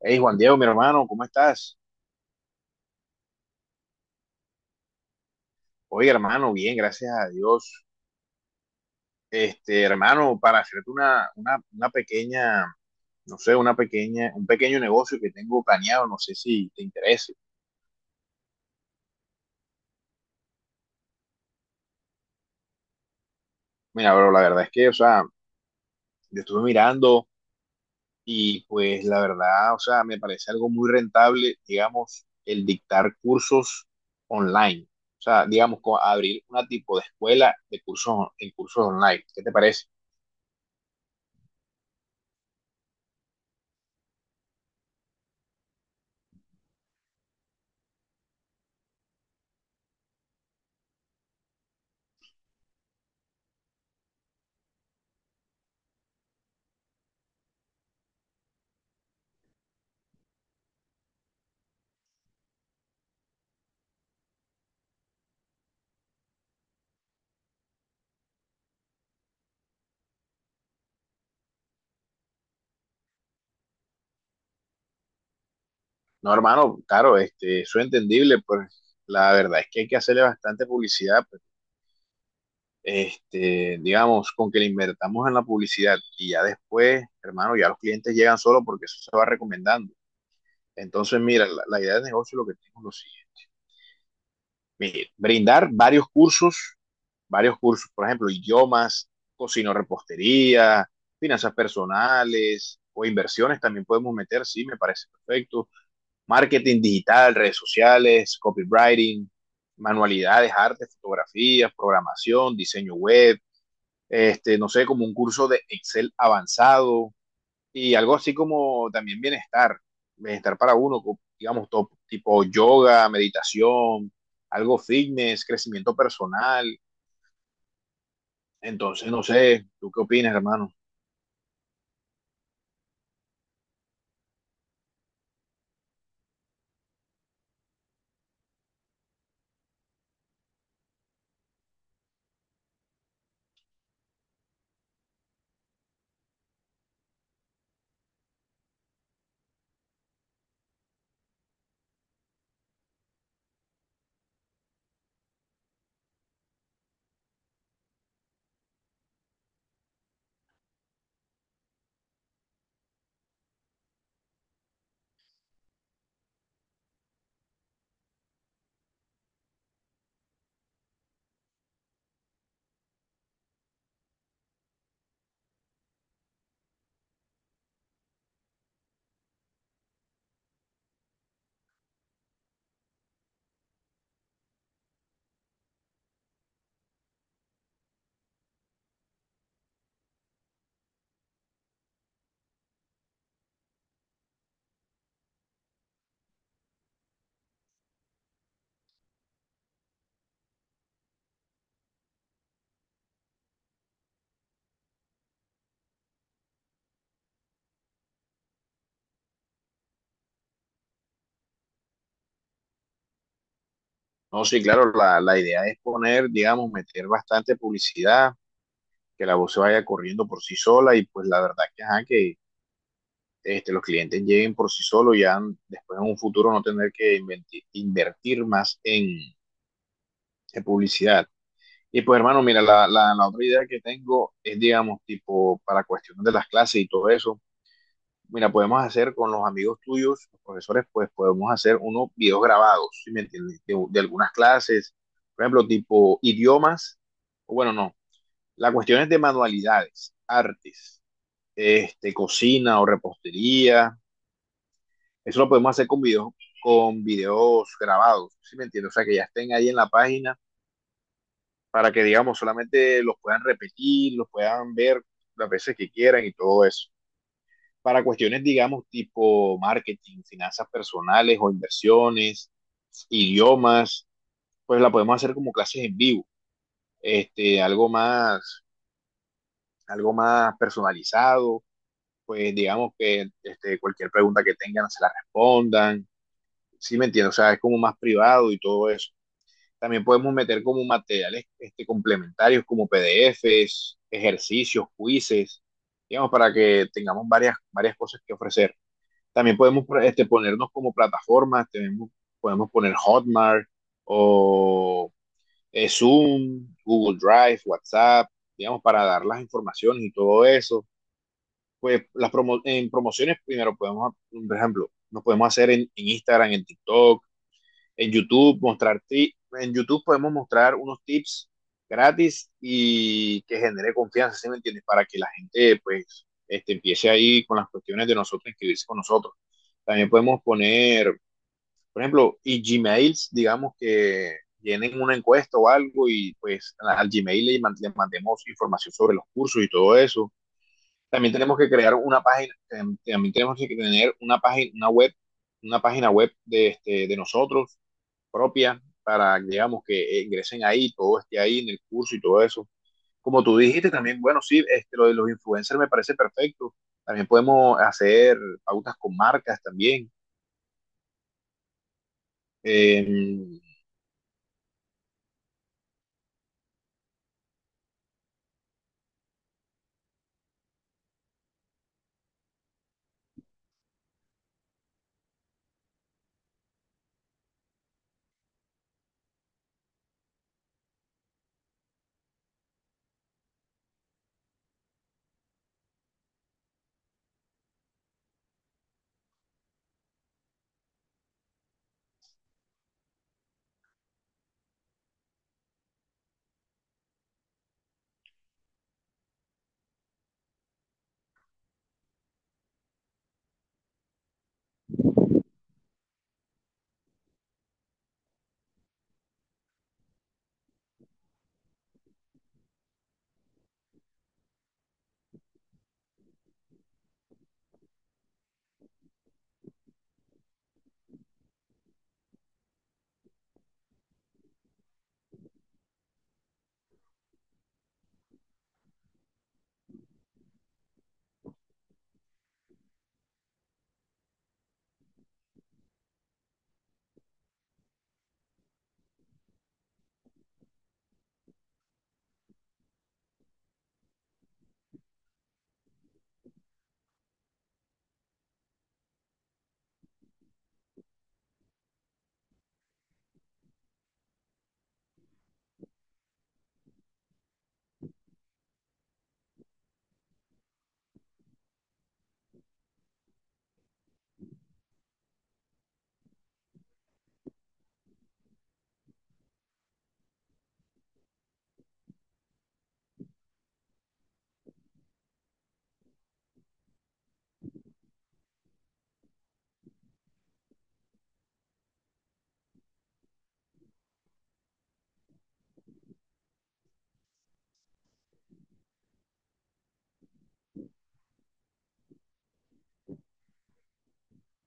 Hey, Juan Diego, mi hermano, ¿cómo estás? Oye, hermano, bien, gracias a Dios. Este, hermano, para hacerte una pequeña, no sé, una pequeña, un pequeño negocio que tengo planeado, no sé si te interese. Mira, pero la verdad es que, o sea, yo estuve mirando y pues la verdad, o sea, me parece algo muy rentable, digamos, el dictar cursos online. O sea, digamos, abrir una tipo de escuela de cursos, en cursos online. ¿Qué te parece? No, hermano, claro, este, eso es entendible, pues la verdad es que hay que hacerle bastante publicidad, pues, este, digamos, con que le invertamos en la publicidad y ya después, hermano, ya los clientes llegan solo porque eso se va recomendando. Entonces, mira, la idea de negocio lo que tengo es lo siguiente. Mire, brindar varios cursos, por ejemplo, idiomas, cocino repostería, finanzas personales o inversiones también podemos meter, sí, me parece perfecto marketing digital, redes sociales, copywriting, manualidades, artes, fotografías, programación, diseño web, este, no sé, como un curso de Excel avanzado y algo así como también bienestar, bienestar para uno, digamos, tipo yoga, meditación, algo fitness, crecimiento personal. Entonces, no sé, ¿tú qué opinas, hermano? No, sí, claro, la idea es poner, digamos, meter bastante publicidad, que la voz se vaya corriendo por sí sola y pues la verdad que, ajá, que este, los clientes lleguen por sí solos ya después en un futuro no tener que invertir más en, publicidad. Y pues hermano, mira, la otra idea que tengo es, digamos, tipo para cuestiones de las clases y todo eso, mira, podemos hacer con los amigos tuyos, los profesores, pues podemos hacer unos videos grabados, ¿sí me entiendes? Algunas clases, por ejemplo, tipo idiomas, o bueno, no, la cuestión es de manualidades, artes, este, cocina o repostería. Eso lo podemos hacer con videos grabados, ¿sí me entiendes? O sea, que ya estén ahí en la página para que, digamos, solamente los puedan repetir, los puedan ver las veces que quieran y todo eso. Para cuestiones, digamos, tipo marketing, finanzas personales o inversiones, idiomas, pues la podemos hacer como clases en vivo, este, algo más personalizado, pues digamos que este, cualquier pregunta que tengan se la respondan, ¿sí me entiendes? O sea, es como más privado y todo eso. También podemos meter como materiales este, complementarios como PDFs, ejercicios, quizzes, digamos, para que tengamos varias, varias cosas que ofrecer. También podemos este, ponernos como plataformas, tenemos, podemos poner Hotmart o Zoom, Google Drive, WhatsApp, digamos, para dar las informaciones y todo eso. Pues las promociones primero podemos, por ejemplo, nos podemos hacer en Instagram, en TikTok, en YouTube, mostrar ti en YouTube podemos mostrar unos tips gratis y que genere confianza, ¿sí me entiendes? Para que la gente pues este, empiece ahí con las cuestiones de nosotros, inscribirse con nosotros. También podemos poner, por ejemplo, y Gmails, digamos que llenen una encuesta o algo y pues al Gmail le mandemos información sobre los cursos y todo eso. También tenemos que crear una página, em, también tenemos que tener una página, una web, una página web de, este, de nosotros propia para, digamos, que ingresen ahí, todo esté ahí en el curso y todo eso. Como tú dijiste también, bueno, sí, este, lo de los influencers me parece perfecto. También podemos hacer pautas con marcas también. Eh,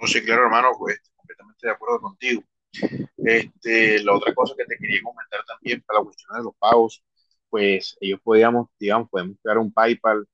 no sé, claro, hermano, pues completamente de acuerdo contigo. Este, la otra cosa que te quería comentar también para la cuestión de los pagos, pues ellos podíamos, digamos, podemos crear un PayPal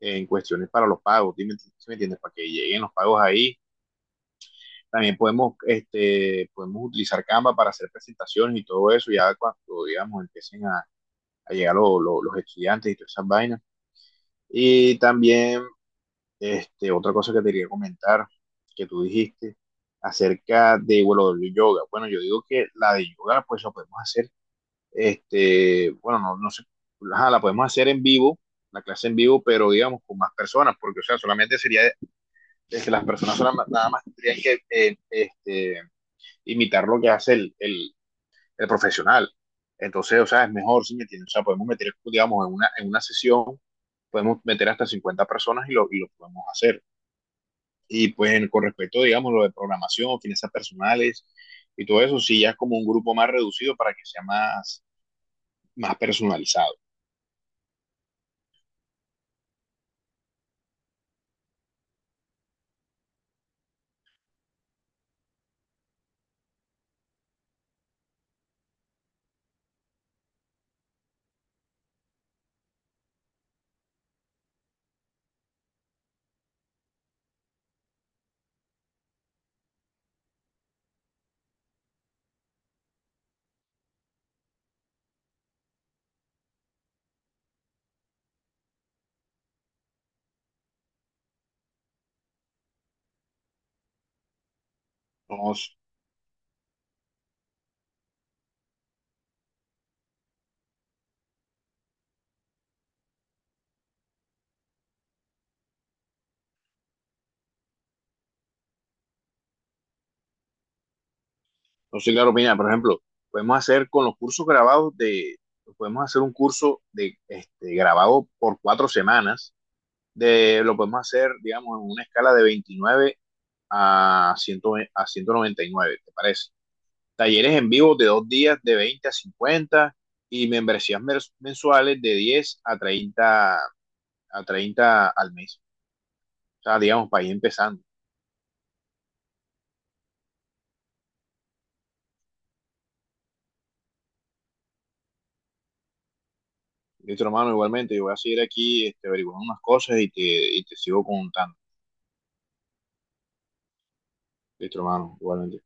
en cuestiones para los pagos, ¿sí me entiendes? Para que lleguen los pagos ahí. También podemos, este, podemos utilizar Canva para hacer presentaciones y todo eso, ya cuando, digamos, empiecen a llegar los estudiantes y todas esas vainas. Y también, este, otra cosa que te quería comentar, que tú dijiste acerca de, bueno, del yoga. Bueno, yo digo que la de yoga, pues la podemos hacer, este, bueno, no, no sé, ajá, la podemos hacer en vivo, la clase en vivo, pero digamos con más personas, porque, o sea, solamente sería, este, las personas nada más tendrían que, este, imitar lo que hace el profesional. Entonces, o sea, es mejor si me entiendes. O sea, podemos meter, digamos, en una sesión, podemos meter hasta 50 personas y y lo podemos hacer. Y pues con respecto, digamos, lo de programación, finanzas personales y todo eso, sí, ya es como un grupo más reducido para que sea más, más personalizado. No, no sé, claro, opinión, por ejemplo, podemos hacer con los cursos grabados de, podemos hacer un curso de, este, grabado por 4 semanas de, lo podemos hacer, digamos, en una escala de 29 a, 100 a 199, ¿te parece? Talleres en vivo de 2 días, de 20 a 50 y membresías mensuales de 10 a 30 a 30 al mes. O sea, digamos, para ir empezando. Listo, hermano, igualmente, yo voy a seguir aquí este, averiguando unas cosas y te sigo contando. Listo, hermano, igualmente.